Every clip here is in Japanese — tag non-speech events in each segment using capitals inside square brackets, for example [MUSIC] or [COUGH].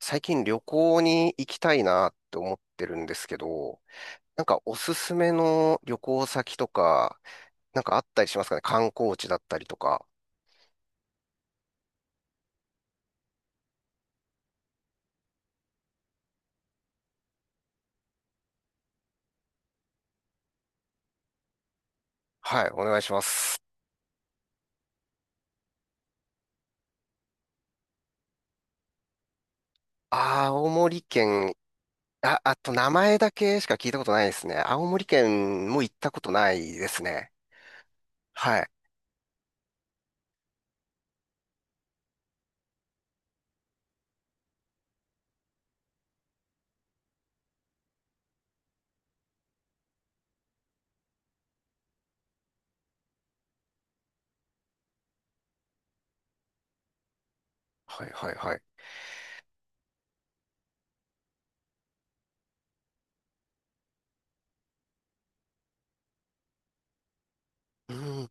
最近旅行に行きたいなって思ってるんですけど、なんかおすすめの旅行先とか、なんかあったりしますかね、観光地だったりとか。はい、お願いします。青森県、あと名前だけしか聞いたことないですね。青森県も行ったことないですね。はい。はいはいはい。うん、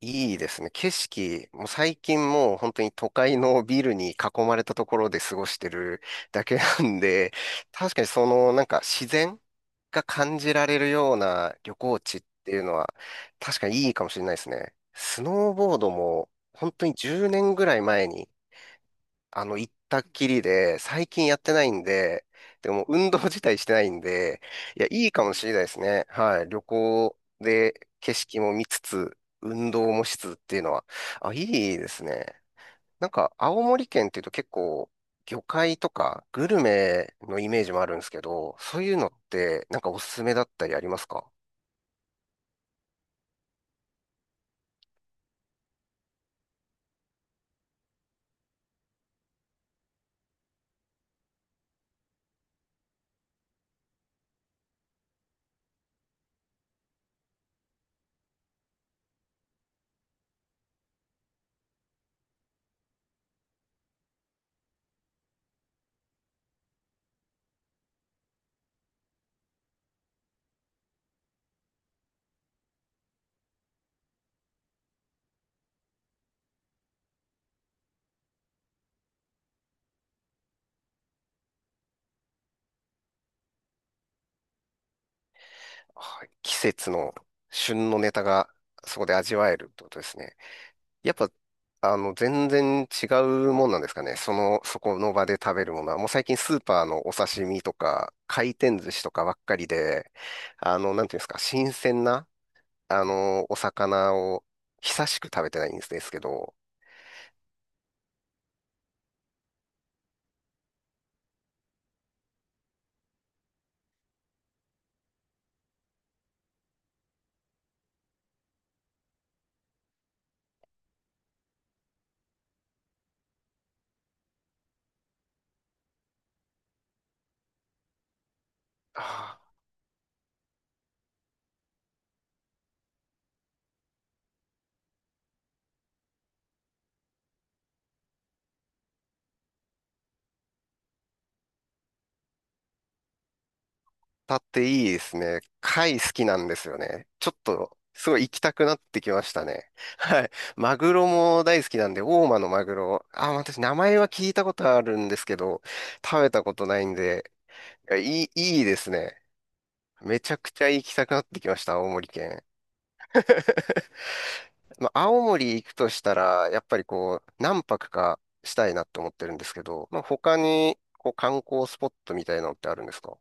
いいですね。景色、もう最近もう本当に都会のビルに囲まれたところで過ごしてるだけなんで、確かにそのなんか自然が感じられるような旅行地っていうのは、確かにいいかもしれないですね。スノーボードも、本当に10年ぐらい前に、行ったっきりで、最近やってないんで、でも運動自体してないんで、いや、いいかもしれないですね。はい。旅行で景色も見つつ、運動もしつつっていうのは、いいですね。なんか、青森県っていうと結構、魚介とかグルメのイメージもあるんですけど、そういうのって、なんかおすすめだったりありますか？はい、季節の旬のネタがそこで味わえるってことですね。やっぱ、全然違うもんなんですかね。その、そこの場で食べるものは、もう最近スーパーのお刺身とか、回転寿司とかばっかりで、なんていうんですか、新鮮な、お魚を久しく食べてないんですけど、あータっていいですね。貝好きなんですよね。ちょっと、すごい行きたくなってきましたね。[LAUGHS] はい。マグロも大好きなんで、大間のマグロ。あ、私、名前は聞いたことあるんですけど、食べたことないんで、いや、いいですね。めちゃくちゃ行きたくなってきました、青森県。まあ、青森行くとしたら、やっぱりこう、何泊かしたいなって思ってるんですけど、まあ、他に、こう、観光スポットみたいなのってあるんですか？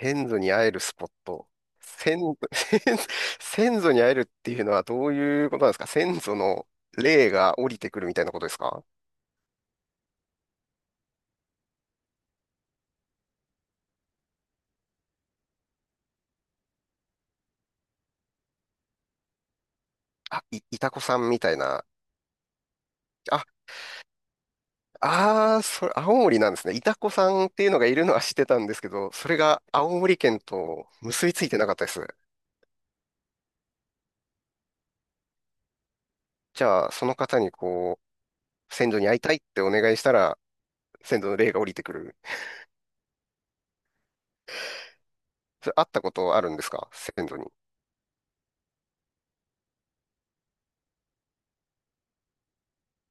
先祖に会えるスポット。先、[LAUGHS] 先祖に会えるっていうのはどういうことなんですか？先祖の霊が降りてくるみたいなことですか？あ、いたこさんみたいな。あ、ああ、それ、青森なんですね。いたこさんっていうのがいるのは知ってたんですけど、それが青森県と結びついてなかったです。じゃあ、その方に先祖に会いたいってお願いしたら、先祖の霊が降りてくる。それ、会ったことあるんですか、先祖に？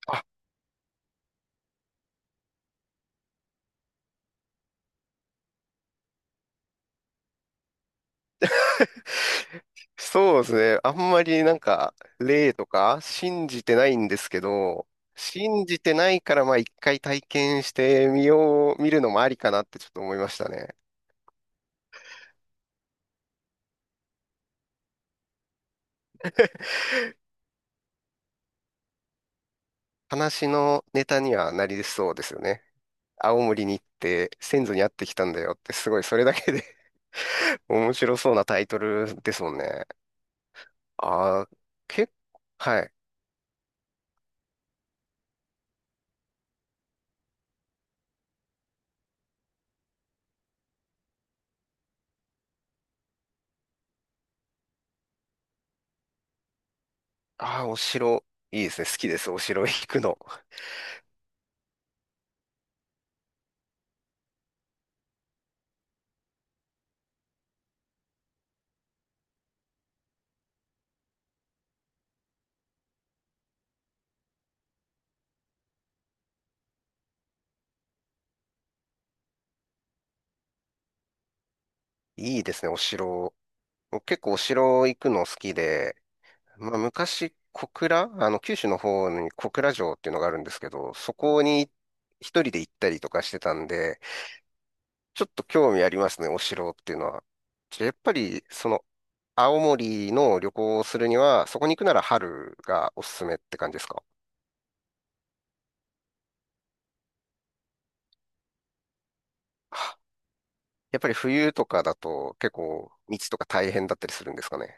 あ、そうですね。あんまりなんか、霊とか信じてないんですけど、信じてないからまあ一回体験してみよう、見るのもありかなってちょっと思いましたね。話のネタにはなりそうですよね。青森に行って先祖に会ってきたんだよってすごいそれだけで [LAUGHS] 面白そうなタイトルですもんね。ああ、結構、はい。ああ、お城、いいですね。好きです。お城行くの。いいですね、お城。僕結構お城行くの好きで、まあ、昔、小倉、九州の方に小倉城っていうのがあるんですけど、そこに一人で行ったりとかしてたんで、ちょっと興味ありますね、お城っていうのは。じゃあやっぱり、青森の旅行をするには、そこに行くなら春がおすすめって感じですか？あ、やっぱり冬とかだと結構道とか大変だったりするんですかね。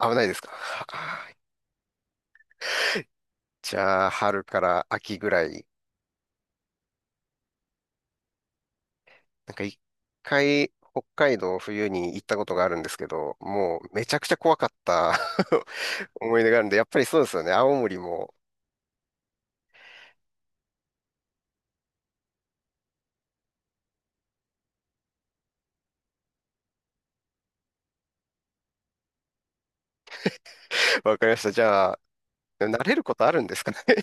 危ないですか？あ。 [LAUGHS] じゃあ、春から秋ぐらい。なんか一回、北海道冬に行ったことがあるんですけど、もうめちゃくちゃ怖かった [LAUGHS] 思い出があるんで、やっぱりそうですよね。青森も。[LAUGHS] わかりました。じゃあ、慣れることあるんですかね？ [LAUGHS]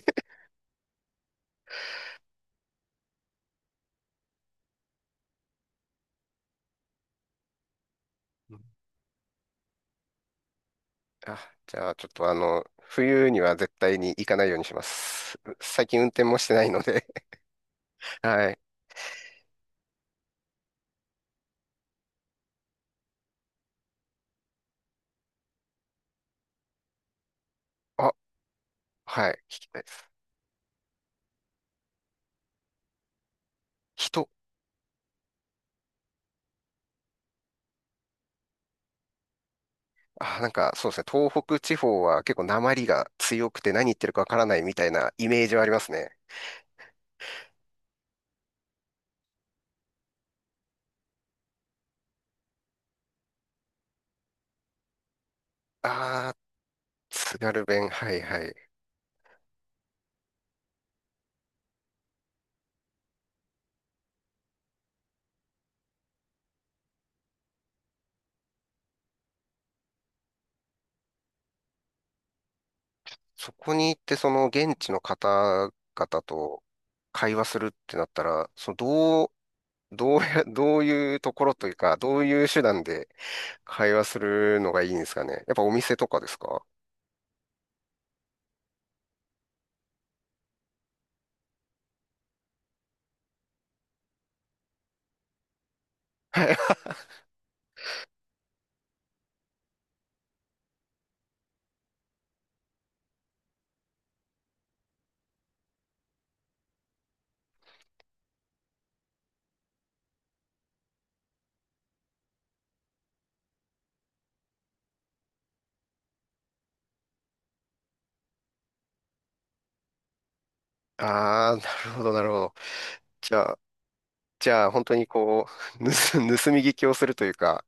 うん。あ、じゃあ、ちょっと冬には絶対に行かないようにします。最近運転もしてないので [LAUGHS] はい。あ、はい。聞きたいです。人。あ、なんかそうですね。東北地方は結構訛りが強くて何言ってるかわからないみたいなイメージはありますね。あー津軽弁。はいはい。そこに行ってその現地の方々と会話するってなったら、そのどう、どうや、[LAUGHS] どういうところというか、どういう手段で会話するのがいいんですかね。やっぱお店とかですか？はい。[LAUGHS] ああ、なるほど、なるほど。じゃあ、じゃあ本当にう、盗、[LAUGHS] 盗み聞きをするというか、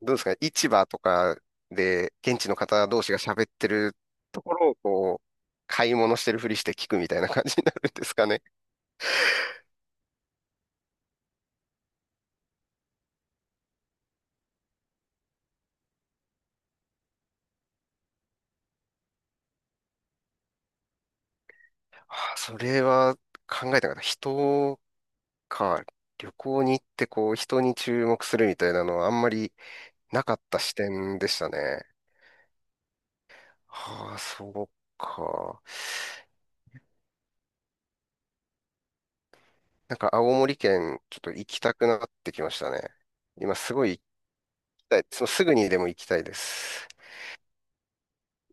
どうですかね、市場とかで現地の方同士が喋ってるところを買い物してるふりして聞くみたいな感じになるんですかね。あ、それは考えたかった。人か、旅行に行って人に注目するみたいなのはあんまりなかった視点でしたね。はあ、そうか。なんか青森県ちょっと行きたくなってきましたね。今すごい行きたい。すぐにでも行きたいです。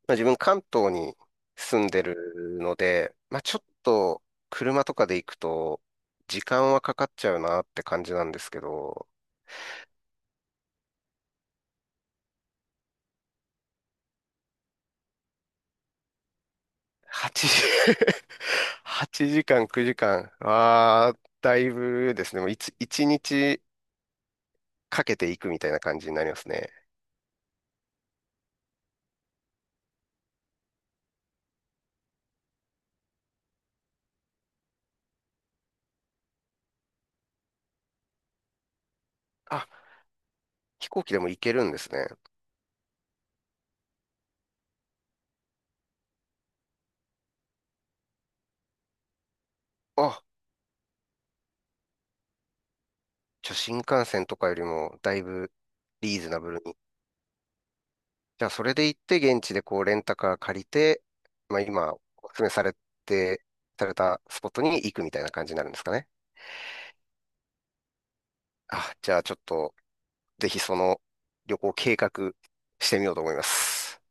まあ、自分関東に住んでるので、まあ、ちょっと車とかで行くと時間はかかっちゃうなって感じなんですけど、8時、[LAUGHS] 8時間、9時間。ああ、だいぶですね。もう1、一日かけていくみたいな感じになりますね。あ、飛行機でも行けるんですね。あ、じゃあ新幹線とかよりもだいぶリーズナブルに。じゃあそれで行って現地でレンタカー借りて、まあ今お勧めされて、されたスポットに行くみたいな感じになるんですかね。あ、じゃあちょっとぜひその旅行計画してみようと思います。